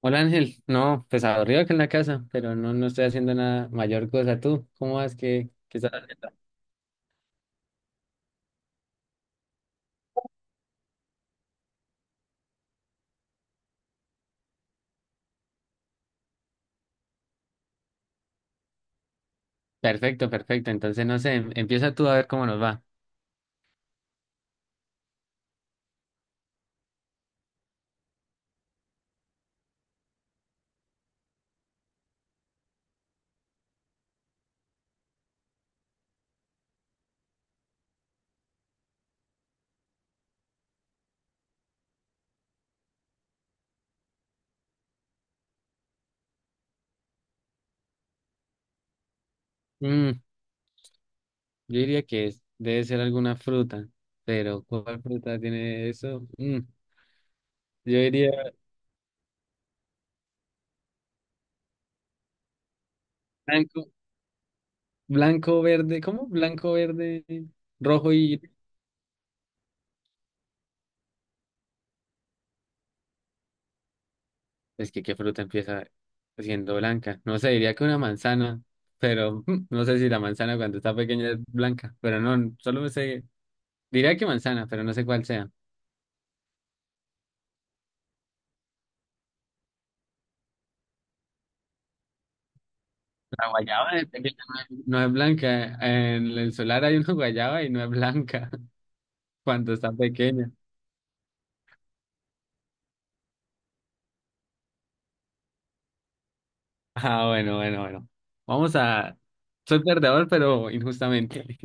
Hola Ángel, no, pues aburrido que en la casa, pero no, no estoy haciendo nada mayor cosa. ¿Tú cómo vas? ¿Qué estás haciendo? Perfecto, perfecto. Entonces, no sé, empieza tú a ver cómo nos va. Mm, yo diría que debe ser alguna fruta, pero ¿cuál fruta tiene eso? Mm, yo diría blanco, blanco, verde, ¿cómo? Blanco, verde, rojo y... Es que ¿qué fruta empieza siendo blanca? No sé, diría que una manzana, pero no sé si la manzana cuando está pequeña es blanca, pero no, solo me sé... Diría que manzana, pero no sé cuál sea. La guayaba no es blanca. En el solar hay una guayaba y no es blanca cuando está pequeña. Ah, bueno, bueno, bueno. Vamos a... Soy perdedor, pero injustamente.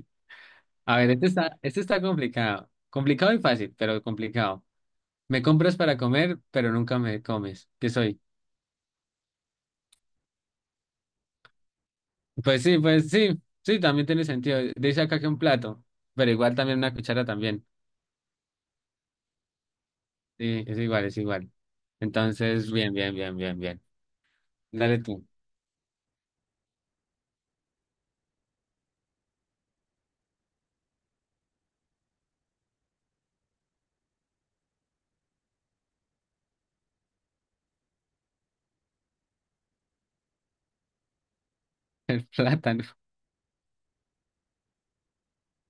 A ver, este está complicado. Complicado y fácil, pero complicado. Me compras para comer, pero nunca me comes. ¿Qué soy? Pues sí, pues sí. Sí, también tiene sentido. Dice acá que un plato, pero igual también una cuchara también. Sí, es igual, es igual. Entonces, bien, bien, bien, bien, bien. Dale tú. El plátano.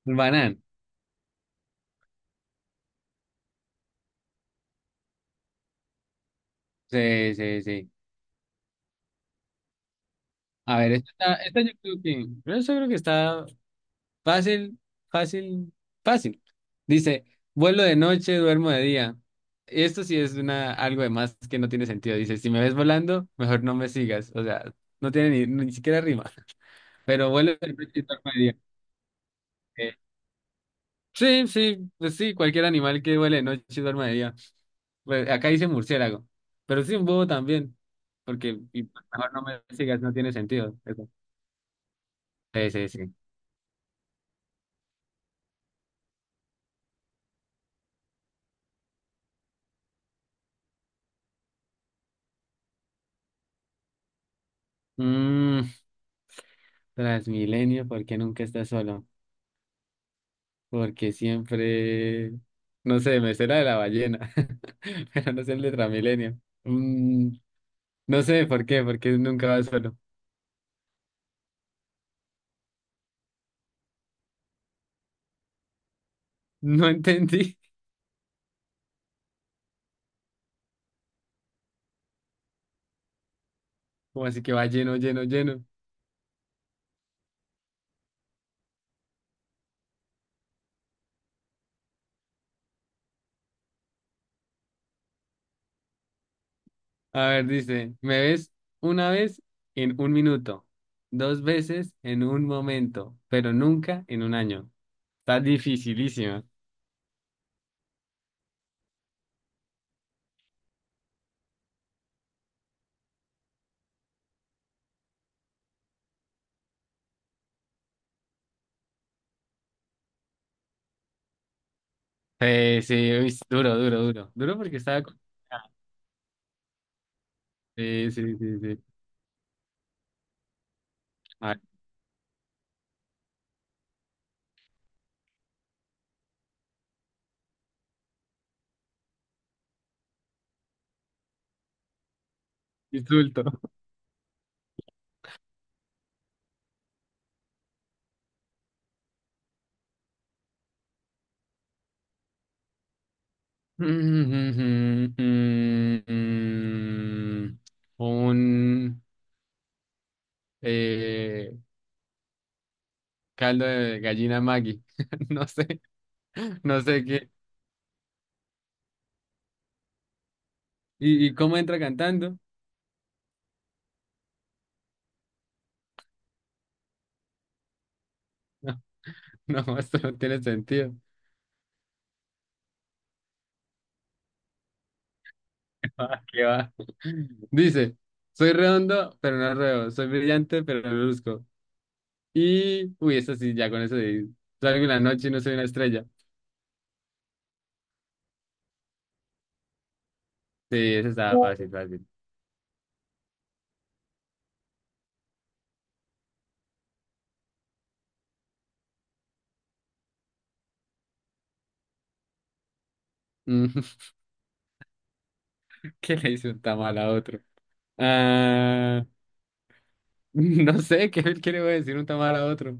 El banano. Sí, sí, sí. A ver, esta, esta yo creo que, pero yo sí creo que está fácil, fácil, fácil. Dice, vuelo de noche, duermo de día. Esto sí es una, algo de más que no tiene sentido. Dice, si me ves volando, mejor no me sigas. O sea, no tiene ni, ni siquiera rima. Pero vuelo de noche y duermo de día. Eh, sí, sí, pues sí, cualquier animal que vuele de noche y duerma de día. Pues, acá dice murciélago, pero sí un búho también, porque y, mejor no me sigas, no tiene sentido eso. Sí, sí, sí. Mm, Transmilenio, ¿por qué nunca estás solo? Porque siempre, no sé, me sé la de la ballena, pero no sé el de Transmilenio. Mm, no sé por qué, porque nunca vas solo. No entendí. Como así que va lleno, lleno, lleno. A ver, dice, me ves una vez en un minuto, dos veces en un momento, pero nunca en un año. Está dificilísimo. Sí, sí, uy, es duro, duro, duro. Duro porque está... Sí, sí, sí, sí. A ver, insulto. Un eh, caldo de gallina Maggi. No sé, no sé qué. Y cómo entra cantando? No, no, esto no tiene sentido. ¿Qué va? Dice, soy redondo, pero no ruego, soy brillante, pero no luzco. Y, uy, esta sí, ya con eso de, salgo en la noche y no soy una estrella. Sí, eso estaba fácil, fácil. Mm, ¿Qué le hizo un tamal a otro? Ah, no sé, ¿qué le voy a decir un tamal a otro?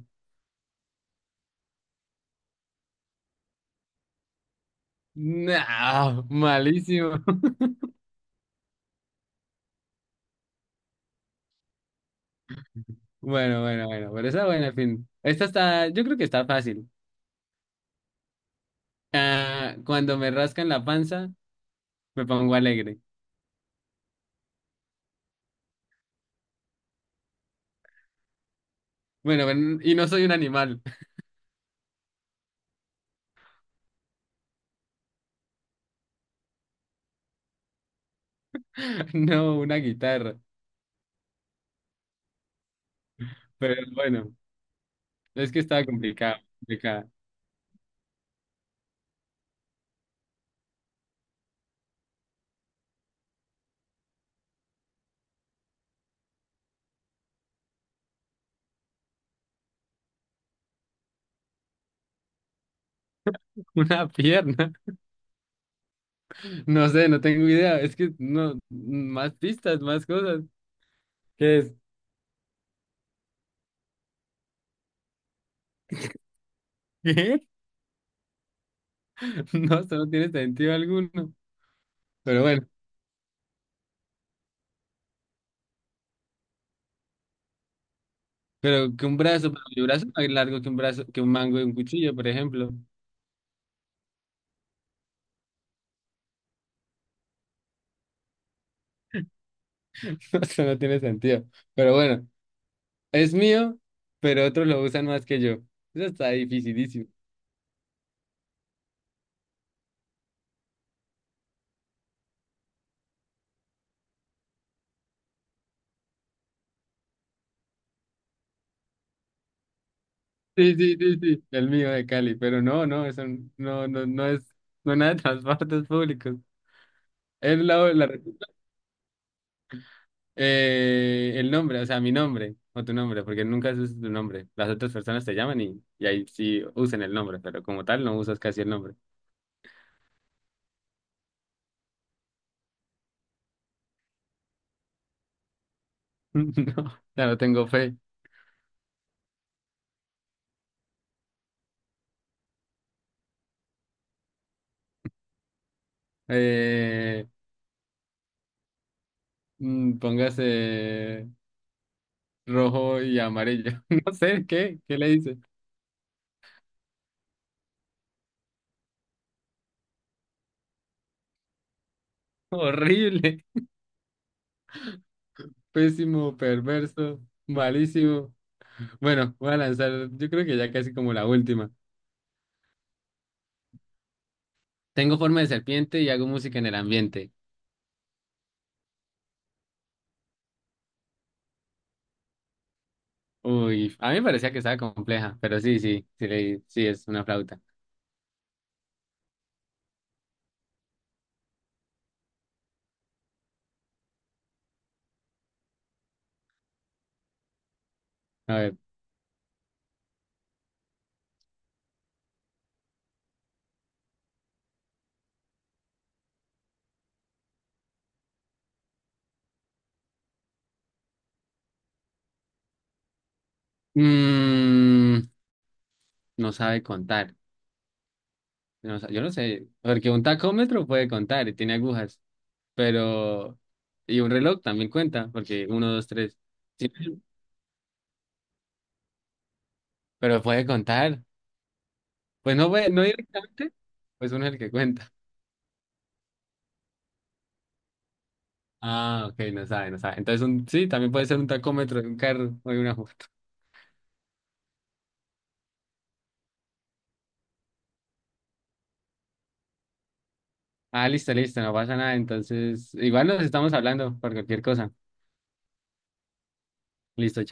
No, malísimo. Bueno, bueno, bueno, pero esa buena, en fin. Esta está, yo creo que está fácil. Ah, cuando me rascan la panza, me pongo alegre. Bueno, y no soy un animal. No, una guitarra. Pero bueno, es que estaba complicado, complicado. Una pierna. No sé, no tengo idea. Es que no, más pistas, más cosas. ¿Qué es? ¿Qué? No, eso no tiene sentido alguno. Pero bueno, pero que un brazo, pero mi brazo es más largo que un brazo, que un mango de un cuchillo, por ejemplo. Eso no tiene sentido. Pero bueno, es mío, pero otros lo usan más que yo. Eso está dificilísimo. Sí, sí, sí, sí, el mío de Cali, pero no, no, eso no, no, no es, no es nada de transportes públicos. Es el nombre, o sea, mi nombre o tu nombre, porque nunca usas tu nombre. Las otras personas te llaman y ahí sí usan el nombre, pero como tal no usas casi el nombre. No, ya no tengo fe. Eh, póngase rojo y amarillo. No sé, ¿qué? ¿Qué le dice? Horrible, pésimo, perverso, malísimo. Bueno, voy a lanzar, yo creo que ya casi como la última. Tengo forma de serpiente y hago música en el ambiente. Uy, a mí me parecía que estaba compleja, pero sí, sí, sí, sí es una flauta. A ver, mm, no sabe contar. Yo no sé, porque un tacómetro puede contar y tiene agujas, pero... Y un reloj también cuenta, porque uno, dos, tres. Sí, pero puede contar. Pues no, no directamente, pues uno es el que cuenta. Ah, ok, no sabe, no sabe. Entonces, un, sí, también puede ser un tacómetro de un carro o de una Ah, listo, listo, no pasa nada. Entonces, igual nos estamos hablando por cualquier cosa. Listo.